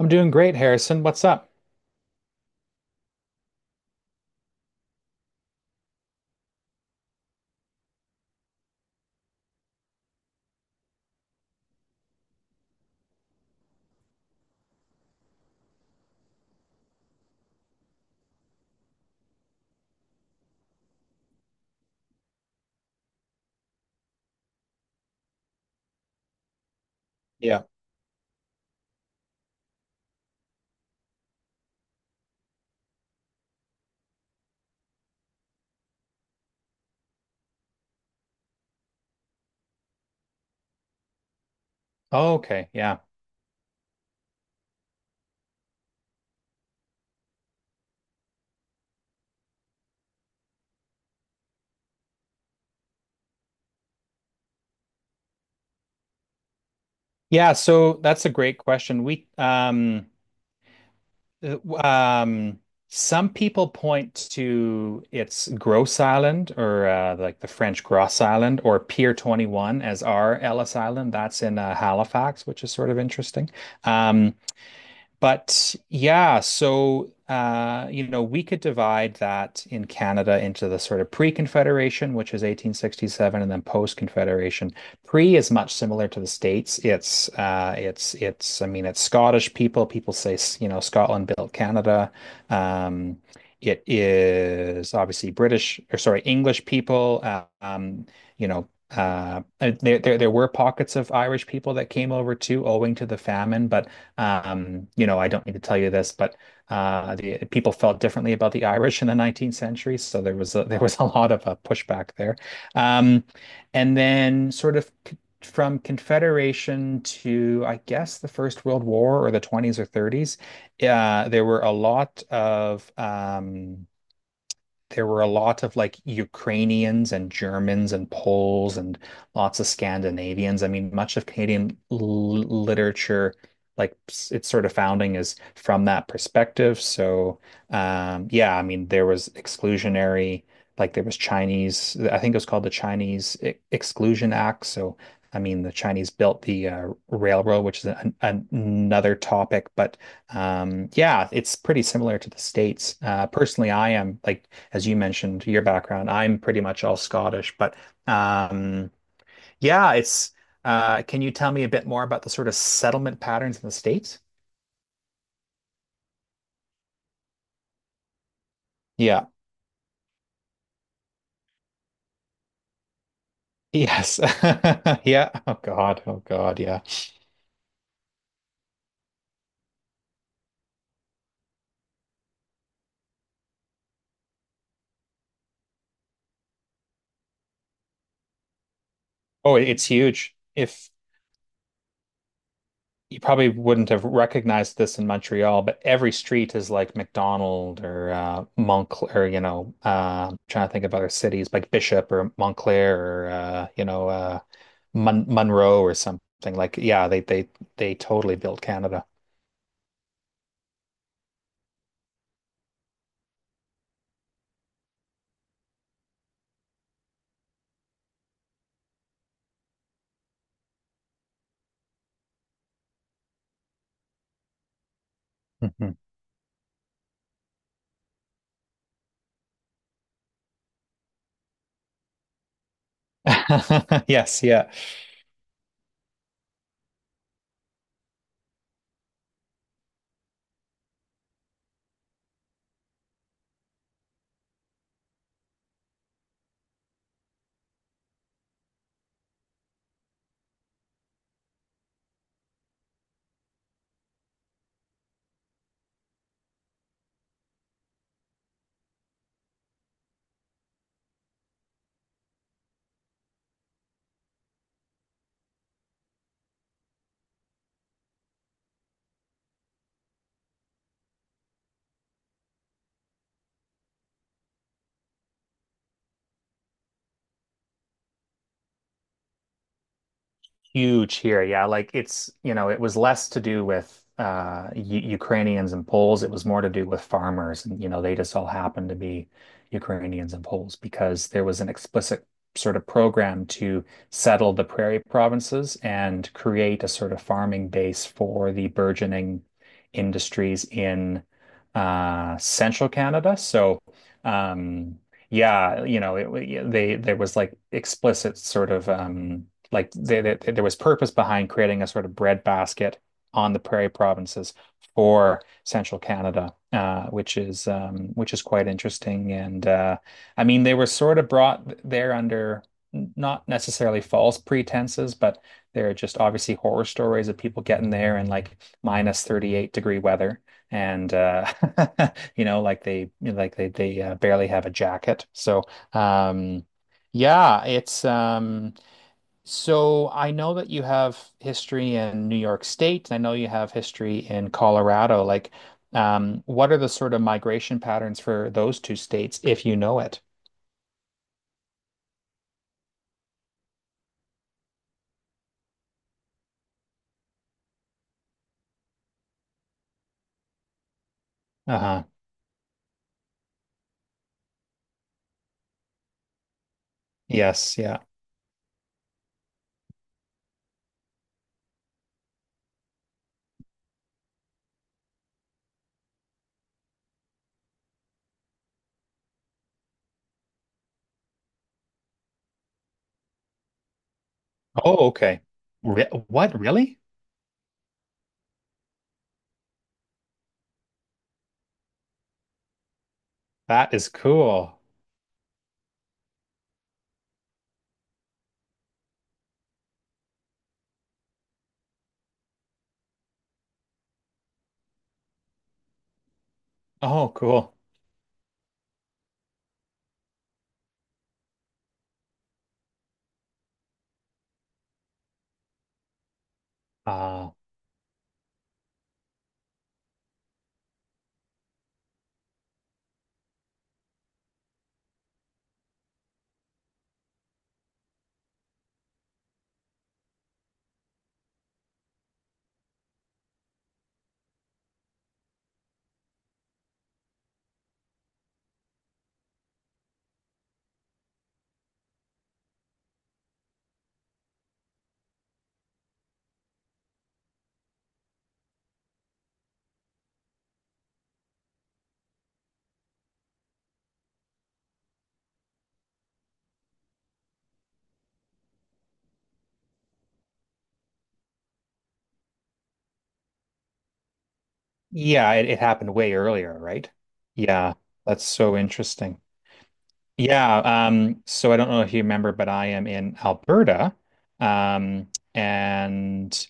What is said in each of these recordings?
I'm doing great, Harrison. What's up? Yeah. Oh, okay. Yeah. Yeah, so that's a great question. We uh, um some people point to it's Grosse Island or like the French Grosse Island or Pier 21 as our Ellis Island. That's in Halifax, which is sort of interesting. Um But yeah, so we could divide that in Canada into the sort of pre-Confederation, which is 1867, and then post-Confederation. Pre is much similar to the States. It's it's Scottish people. People say, you know, Scotland built Canada. Um, it is obviously British, or sorry, English people. There were pockets of Irish people that came over too, owing to the famine. I don't need to tell you this, but the people felt differently about the Irish in the 19th century, so there was a lot of pushback there. Um, and then, sort of from Confederation to, I guess, the First World War or the 20s or 30s, there were a lot of like Ukrainians and Germans and Poles and lots of Scandinavians. I mean, much of Canadian l literature, like its sort of founding, is from that perspective. So, yeah, I mean, there was exclusionary, like there was Chinese, I think it was called the Chinese Exclusion Act. So, I mean, the Chinese built the railroad, which is another topic. But yeah, it's pretty similar to the States. Personally, I am, like as you mentioned your background, I'm pretty much all Scottish. But um, yeah, it's. Can you tell me a bit more about the sort of settlement patterns in the States? Yeah. Yes. Yeah. Oh God. Oh God. Yeah. Oh, it's huge. If you probably wouldn't have recognized this in Montreal, but every street is like McDonald or Montclair, or, you know, I'm trying to think of other cities like Bishop or Montclair or Monroe or something. Like, yeah, they totally built Canada. Mhm. Yes, yeah. Huge here. Yeah, like it's, you know, it was less to do with U Ukrainians and Poles. It was more to do with farmers, and you know, they just all happened to be Ukrainians and Poles because there was an explicit sort of program to settle the prairie provinces and create a sort of farming base for the burgeoning industries in central Canada. So, um yeah, you know, it, they there was like explicit sort of there was purpose behind creating a sort of breadbasket on the prairie provinces for central Canada, which is quite interesting. And I mean, they were sort of brought there under not necessarily false pretenses, but there are just obviously horror stories of people getting there in like minus 38 degree weather. And you know, like they barely have a jacket. So um, yeah, it's so I know that you have history in New York State, and I know you have history in Colorado. Like, what are the sort of migration patterns for those two states, if you know it? Uh-huh. Yes, yeah. Oh, okay. Re what, really? That is cool. Oh, cool. Uh, yeah, it happened way earlier, right? Yeah, that's so interesting. Yeah, so I don't know if you remember, but I am in Alberta. Um, and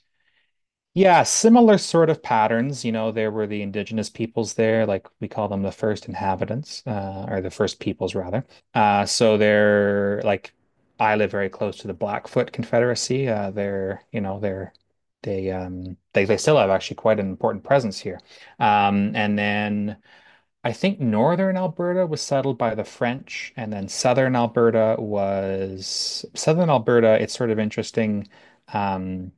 Yeah, similar sort of patterns. You know, there were the indigenous peoples there, like we call them the first inhabitants, or the first peoples rather. So they're like, I live very close to the Blackfoot Confederacy. They're, you know, they're they still have actually quite an important presence here. And then I think northern Alberta was settled by the French, and then southern Alberta was southern Alberta. It's sort of interesting. Um,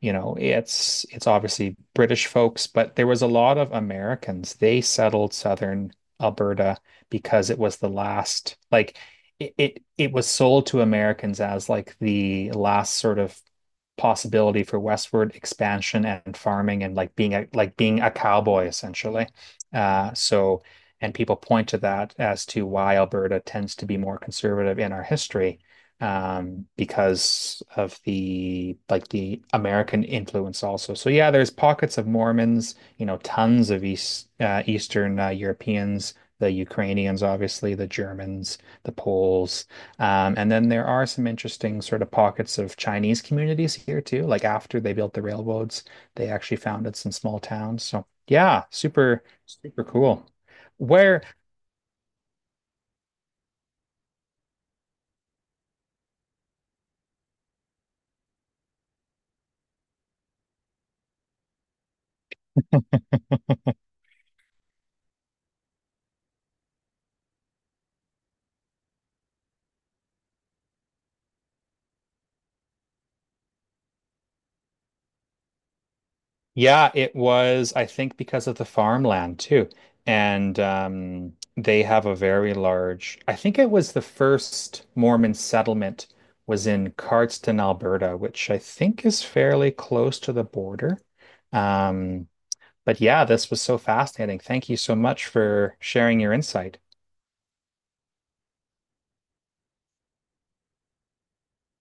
you know, it's obviously British folks, but there was a lot of Americans. They settled southern Alberta because it was the last, like it was sold to Americans as like the last sort of possibility for westward expansion and farming and like being a cowboy essentially. Uh, so and people point to that as to why Alberta tends to be more conservative in our history because of the like the American influence also. So yeah, there's pockets of Mormons, you know, tons of Eastern Europeans, the Ukrainians, obviously, the Germans, the Poles, and then there are some interesting sort of pockets of Chinese communities here too. Like after they built the railroads, they actually founded some small towns. So yeah, super cool. Where Yeah, it was, I think, because of the farmland too. And they have a very large, I think it was the first Mormon settlement was in Cardston, Alberta, which I think is fairly close to the border. Um, but yeah, this was so fascinating. Thank you so much for sharing your insight.